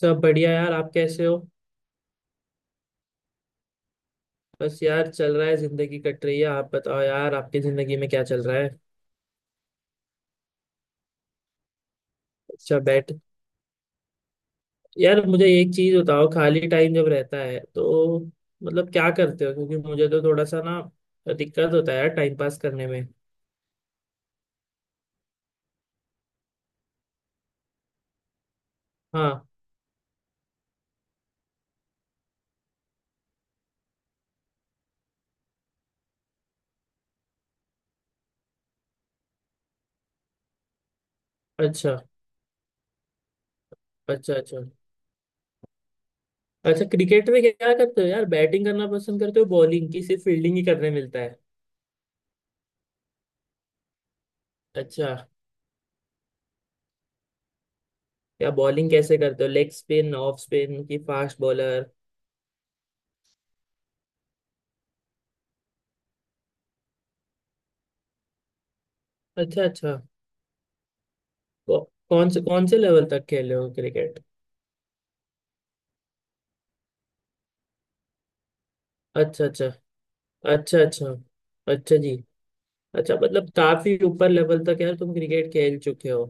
सब बढ़िया यार। आप कैसे हो? बस यार चल रहा है, जिंदगी कट रही है। आप बताओ यार आपकी जिंदगी में क्या चल रहा है? अच्छा बैठ। यार मुझे एक चीज बताओ, खाली टाइम जब रहता है तो मतलब क्या करते हो? क्योंकि मुझे तो थोड़ा सा ना दिक्कत होता है यार टाइम पास करने में। हाँ। अच्छा अच्छा, अच्छा। अच्छा, क्रिकेट में क्या करते हो यार, बैटिंग करना पसंद करते हो, बॉलिंग, की सिर्फ फील्डिंग ही करने मिलता है? अच्छा। या बॉलिंग कैसे करते हो, लेग स्पिन, ऑफ स्पिन, की फास्ट बॉलर? अच्छा, अच्छा। कौ, कौन से लेवल तक खेले हो क्रिकेट? अच्छा, अच्छा। अच्छा, अच्छा। अच्छा जी। अच्छा, मतलब काफी ऊपर लेवल तक यार तुम क्रिकेट खेल चुके हो।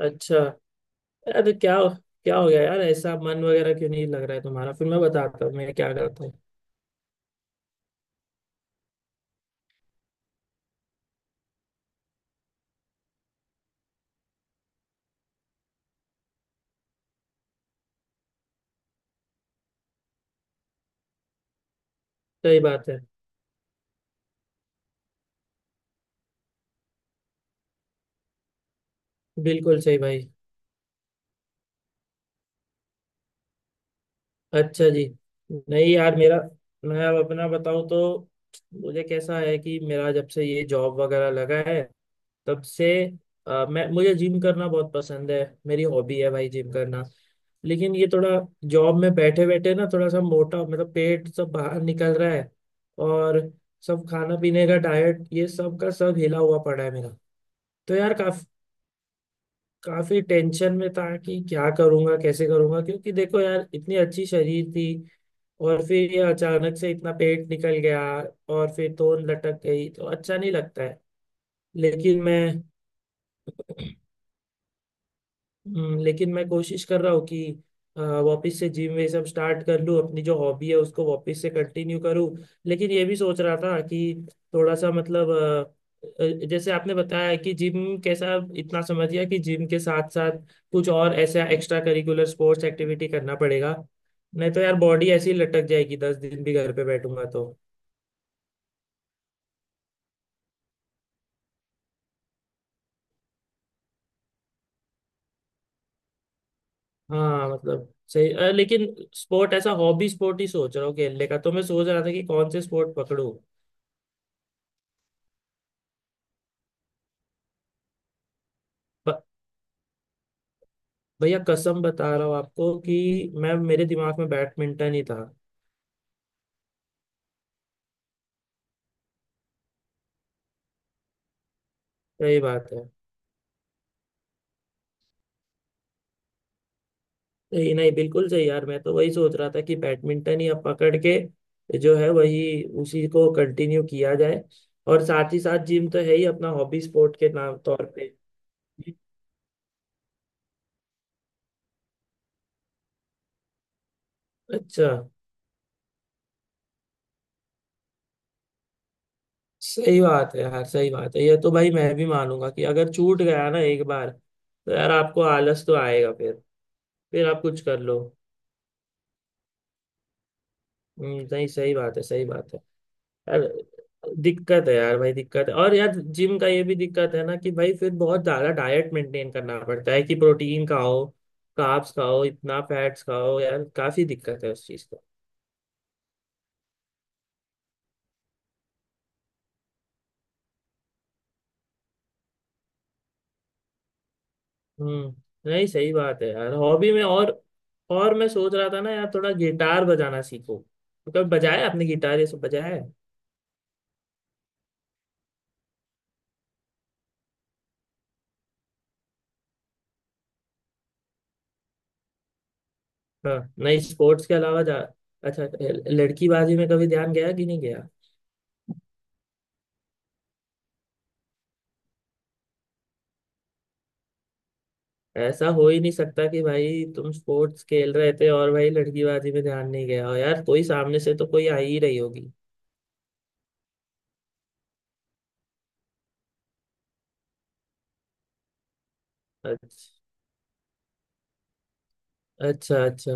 अच्छा। यार, क्या क्या हो गया यार? ऐसा मन वगैरह क्यों नहीं लग रहा है तुम्हारा? फिर मैं बताता हूँ मैं क्या करता हूँ। सही बात है। बिल्कुल सही भाई। अच्छा जी। नहीं यार मेरा। मैं अब अपना बताऊं तो मुझे कैसा है कि मेरा जब से ये जॉब वगैरह लगा है तब से मैं मुझे जिम करना बहुत पसंद है। मेरी हॉबी है भाई जिम करना। लेकिन ये थोड़ा, जॉब में बैठे बैठे ना थोड़ा सा मोटा, मतलब पेट सब बाहर निकल रहा है। और सब खाना पीने का डाइट ये सब का सब हिला हुआ पड़ा है मेरा। तो यार काफी, काफी टेंशन में था कि क्या करूंगा कैसे करूंगा, क्योंकि देखो यार इतनी अच्छी शरीर थी। और फिर ये अचानक से इतना पेट निकल गया। और फिर तोन लटक गई तो अच्छा नहीं लगता है। लेकिन मैं। लेकिन मैं कोशिश कर रहा हूँ कि वापस से जिम वे सब स्टार्ट कर लूँ, अपनी जो हॉबी है उसको वापस से कंटिन्यू करूँ। लेकिन ये भी सोच रहा था कि थोड़ा सा मतलब, जैसे आपने बताया कि जिम कैसा इतना समझ गया कि जिम के साथ साथ कुछ और ऐसा एक्स्ट्रा करिकुलर स्पोर्ट्स एक्टिविटी करना पड़ेगा। नहीं तो यार बॉडी ऐसी लटक जाएगी, 10 दिन भी घर पे बैठूंगा तो। हाँ मतलब सही, लेकिन स्पोर्ट ऐसा हॉबी स्पोर्ट ही सोच रहा हूँ खेलने का, तो मैं सोच रहा था कि कौन से स्पोर्ट पकड़ूं। ब- भैया कसम बता रहा हूँ आपको कि मैं मेरे दिमाग में बैडमिंटन ही था। सही बात है। सही नहीं, बिल्कुल सही यार, मैं तो वही सोच रहा था कि बैडमिंटन ही अब पकड़ के जो है वही, उसी को कंटिन्यू किया जाए। और साथ ही साथ जिम तो है ही अपना हॉबी स्पोर्ट के नाम तौर पे। अच्छा। सही बात है यार, सही बात है ये तो भाई, मैं भी मानूंगा कि अगर छूट गया ना एक बार तो यार आपको आलस तो आएगा फिर। फिर आप कुछ कर लो। नहीं सही बात है, सही बात है। यार दिक्कत है यार भाई, दिक्कत है। और यार जिम का ये भी दिक्कत है ना कि भाई फिर बहुत ज्यादा डाइट मेंटेन करना पड़ता है, कि प्रोटीन खाओ, कार्ब्स खाओ, इतना फैट्स खाओ, यार काफी दिक्कत है उस चीज का। हम्म नहीं सही बात है यार, हॉबी में और मैं सोच रहा था ना यार थोड़ा गिटार बजाना सीखो। तो कभी बजाया आपने, गिटार ये सब बजाया है? हाँ, नहीं स्पोर्ट्स के अलावा जा अच्छा, लड़की बाजी में कभी ध्यान गया कि नहीं गया? ऐसा हो ही नहीं सकता कि भाई तुम स्पोर्ट्स खेल रहे थे और भाई लड़की बाजी में ध्यान नहीं गया हो, यार कोई सामने से तो कोई आ ही रही होगी। अच्छा, अच्छा। अच्छा,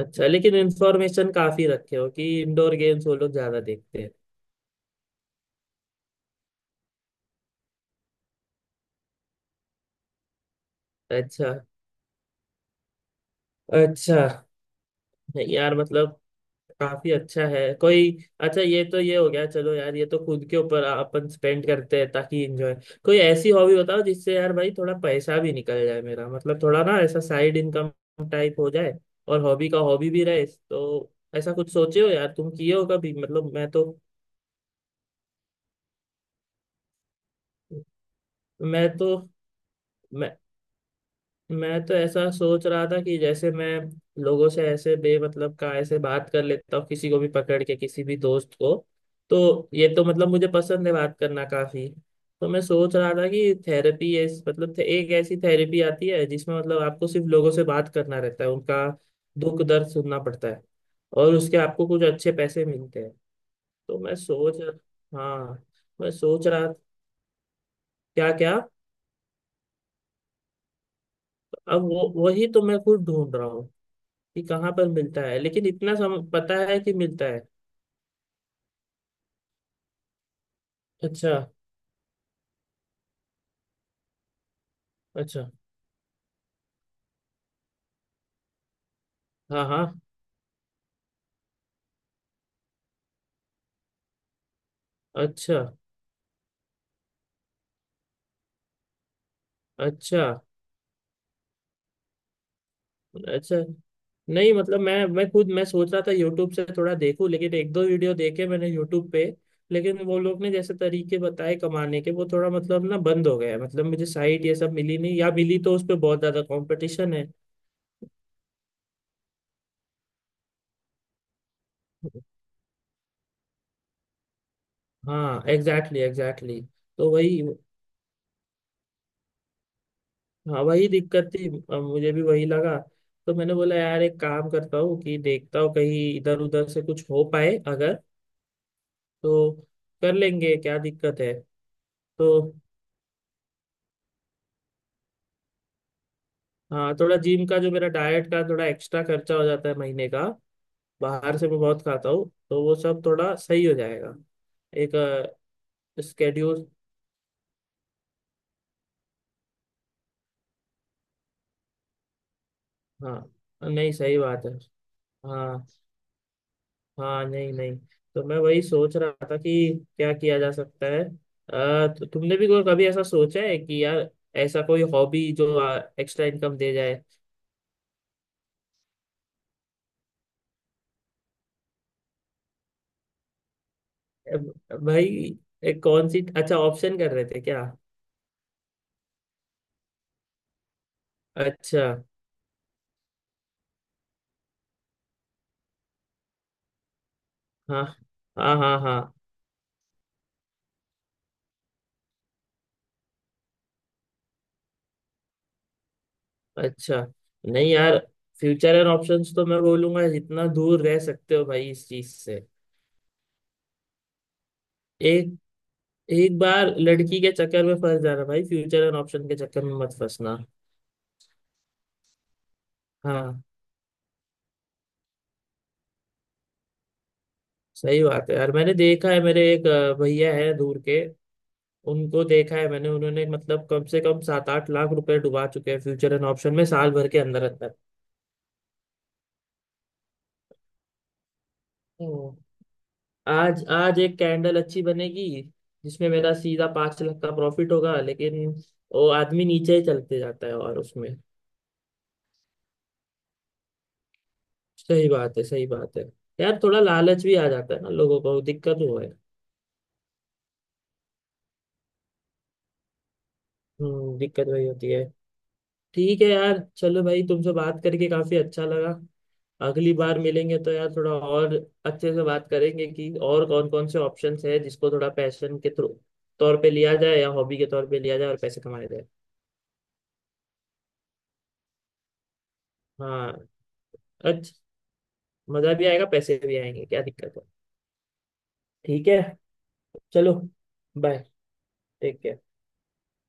अच्छा लेकिन इन्फॉर्मेशन काफी रखे हो कि इंडोर गेम्स वो लोग ज्यादा देखते हैं। अच्छा, अच्छा। नहीं यार मतलब काफी अच्छा है कोई। अच्छा ये तो ये हो गया, चलो यार ये तो खुद के ऊपर अपन स्पेंड करते हैं ताकि एंजॉय। कोई ऐसी हॉबी बताओ जिससे यार भाई थोड़ा पैसा भी निकल जाए, मेरा मतलब थोड़ा ना ऐसा साइड इनकम टाइप हो जाए। और हॉबी का हॉबी भी रहे, तो ऐसा कुछ सोचे हो यार तुम, किए हो कभी मतलब? मैं तो। मैं तो मैं मैं तो ऐसा सोच रहा था कि जैसे मैं लोगों से ऐसे बेमतलब का ऐसे बात कर लेता हूँ, किसी को भी पकड़ के, किसी भी दोस्त को। तो ये तो मतलब मुझे पसंद है बात करना काफी। तो मैं सोच रहा था कि थेरेपी ऐस मतलब एक ऐसी थेरेपी आती है जिसमें मतलब आपको सिर्फ लोगों से बात करना रहता है, उनका दुख दर्द सुनना पड़ता है। और उसके आपको कुछ अच्छे पैसे मिलते हैं। तो मैं सोच। हाँ। मैं सोच रहा। क्या, क्या? अब वो वही तो मैं खुद ढूंढ रहा हूँ। ये कहाँ पर मिलता है लेकिन इतना पता है कि मिलता है। अच्छा, अच्छा। हाँ, हाँ। अच्छा, अच्छा, अच्छा। नहीं मतलब मैं खुद मैं सोच रहा था यूट्यूब से थोड़ा देखूं, लेकिन एक दो वीडियो देखे मैंने यूट्यूब पे। लेकिन वो लोग ने जैसे तरीके बताए कमाने के, वो थोड़ा मतलब ना बंद हो गया है। मतलब मुझे साइट ये सब मिली नहीं, या मिली तो उस पे बहुत ज्यादा कंपटीशन है। हाँ, एग्जैक्टली, एग्जैक्टली। तो वही। हाँ वही दिक्कत थी। अब मुझे भी वही लगा। तो मैंने बोला यार, एक काम करता हूँ कि देखता हूँ कहीं इधर उधर से कुछ हो पाए अगर। तो कर लेंगे, क्या दिक्कत है। तो। हाँ थोड़ा जिम का जो मेरा डाइट का थोड़ा एक्स्ट्रा खर्चा हो जाता है महीने का, बाहर से मैं बहुत खाता हूँ तो वो सब थोड़ा सही हो जाएगा। एक स्केड्यूल। हाँ नहीं सही बात है। हाँ, हाँ, नहीं, नहीं। तो मैं वही सोच रहा था कि क्या किया जा सकता है? तो तुमने भी कोई कभी ऐसा सोचा है कि यार ऐसा कोई हॉबी जो एक्स्ट्रा इनकम दे जाए? अब भाई, एक कौन सी अच्छा ऑप्शन कर रहे थे क्या? अच्छा। हाँ, हाँ, हाँ, हाँ। अच्छा, नहीं यार फ्यूचर एंड ऑप्शंस तो मैं बोलूंगा, जितना दूर रह सकते हो भाई इस चीज से। एक एक बार लड़की के चक्कर में फंस जाना भाई, फ्यूचर एंड ऑप्शन के चक्कर में मत फंसना। हाँ सही बात है यार, मैंने देखा है मेरे एक भैया है दूर के, उनको देखा है मैंने। उन्होंने मतलब कम से कम 7-8 लाख रुपए डुबा चुके हैं फ्यूचर एंड ऑप्शन में, साल भर के अंदर अंदर। हम्म। आज आज एक कैंडल अच्छी बनेगी जिसमें मेरा सीधा 5 लाख का प्रॉफिट होगा, लेकिन वो आदमी नीचे ही चलते जाता है और उसमें। सही बात है, सही बात है। यार थोड़ा लालच भी आ जाता है ना लोगों को, दिक्कत वो है। दिक्कत वही होती है। ठीक है यार चलो भाई, तुमसे बात करके काफी अच्छा लगा। अगली बार मिलेंगे तो यार थोड़ा और अच्छे से बात करेंगे कि और कौन कौन से ऑप्शंस है जिसको थोड़ा पैशन के थ्रू तौर पे लिया जाए, या हॉबी के तौर पे लिया जाए, और पैसे कमाए जाए। हाँ। अच्छा। मजा भी आएगा पैसे भी आएंगे, क्या दिक्कत है? ठीक है। चलो। बाय। Take care.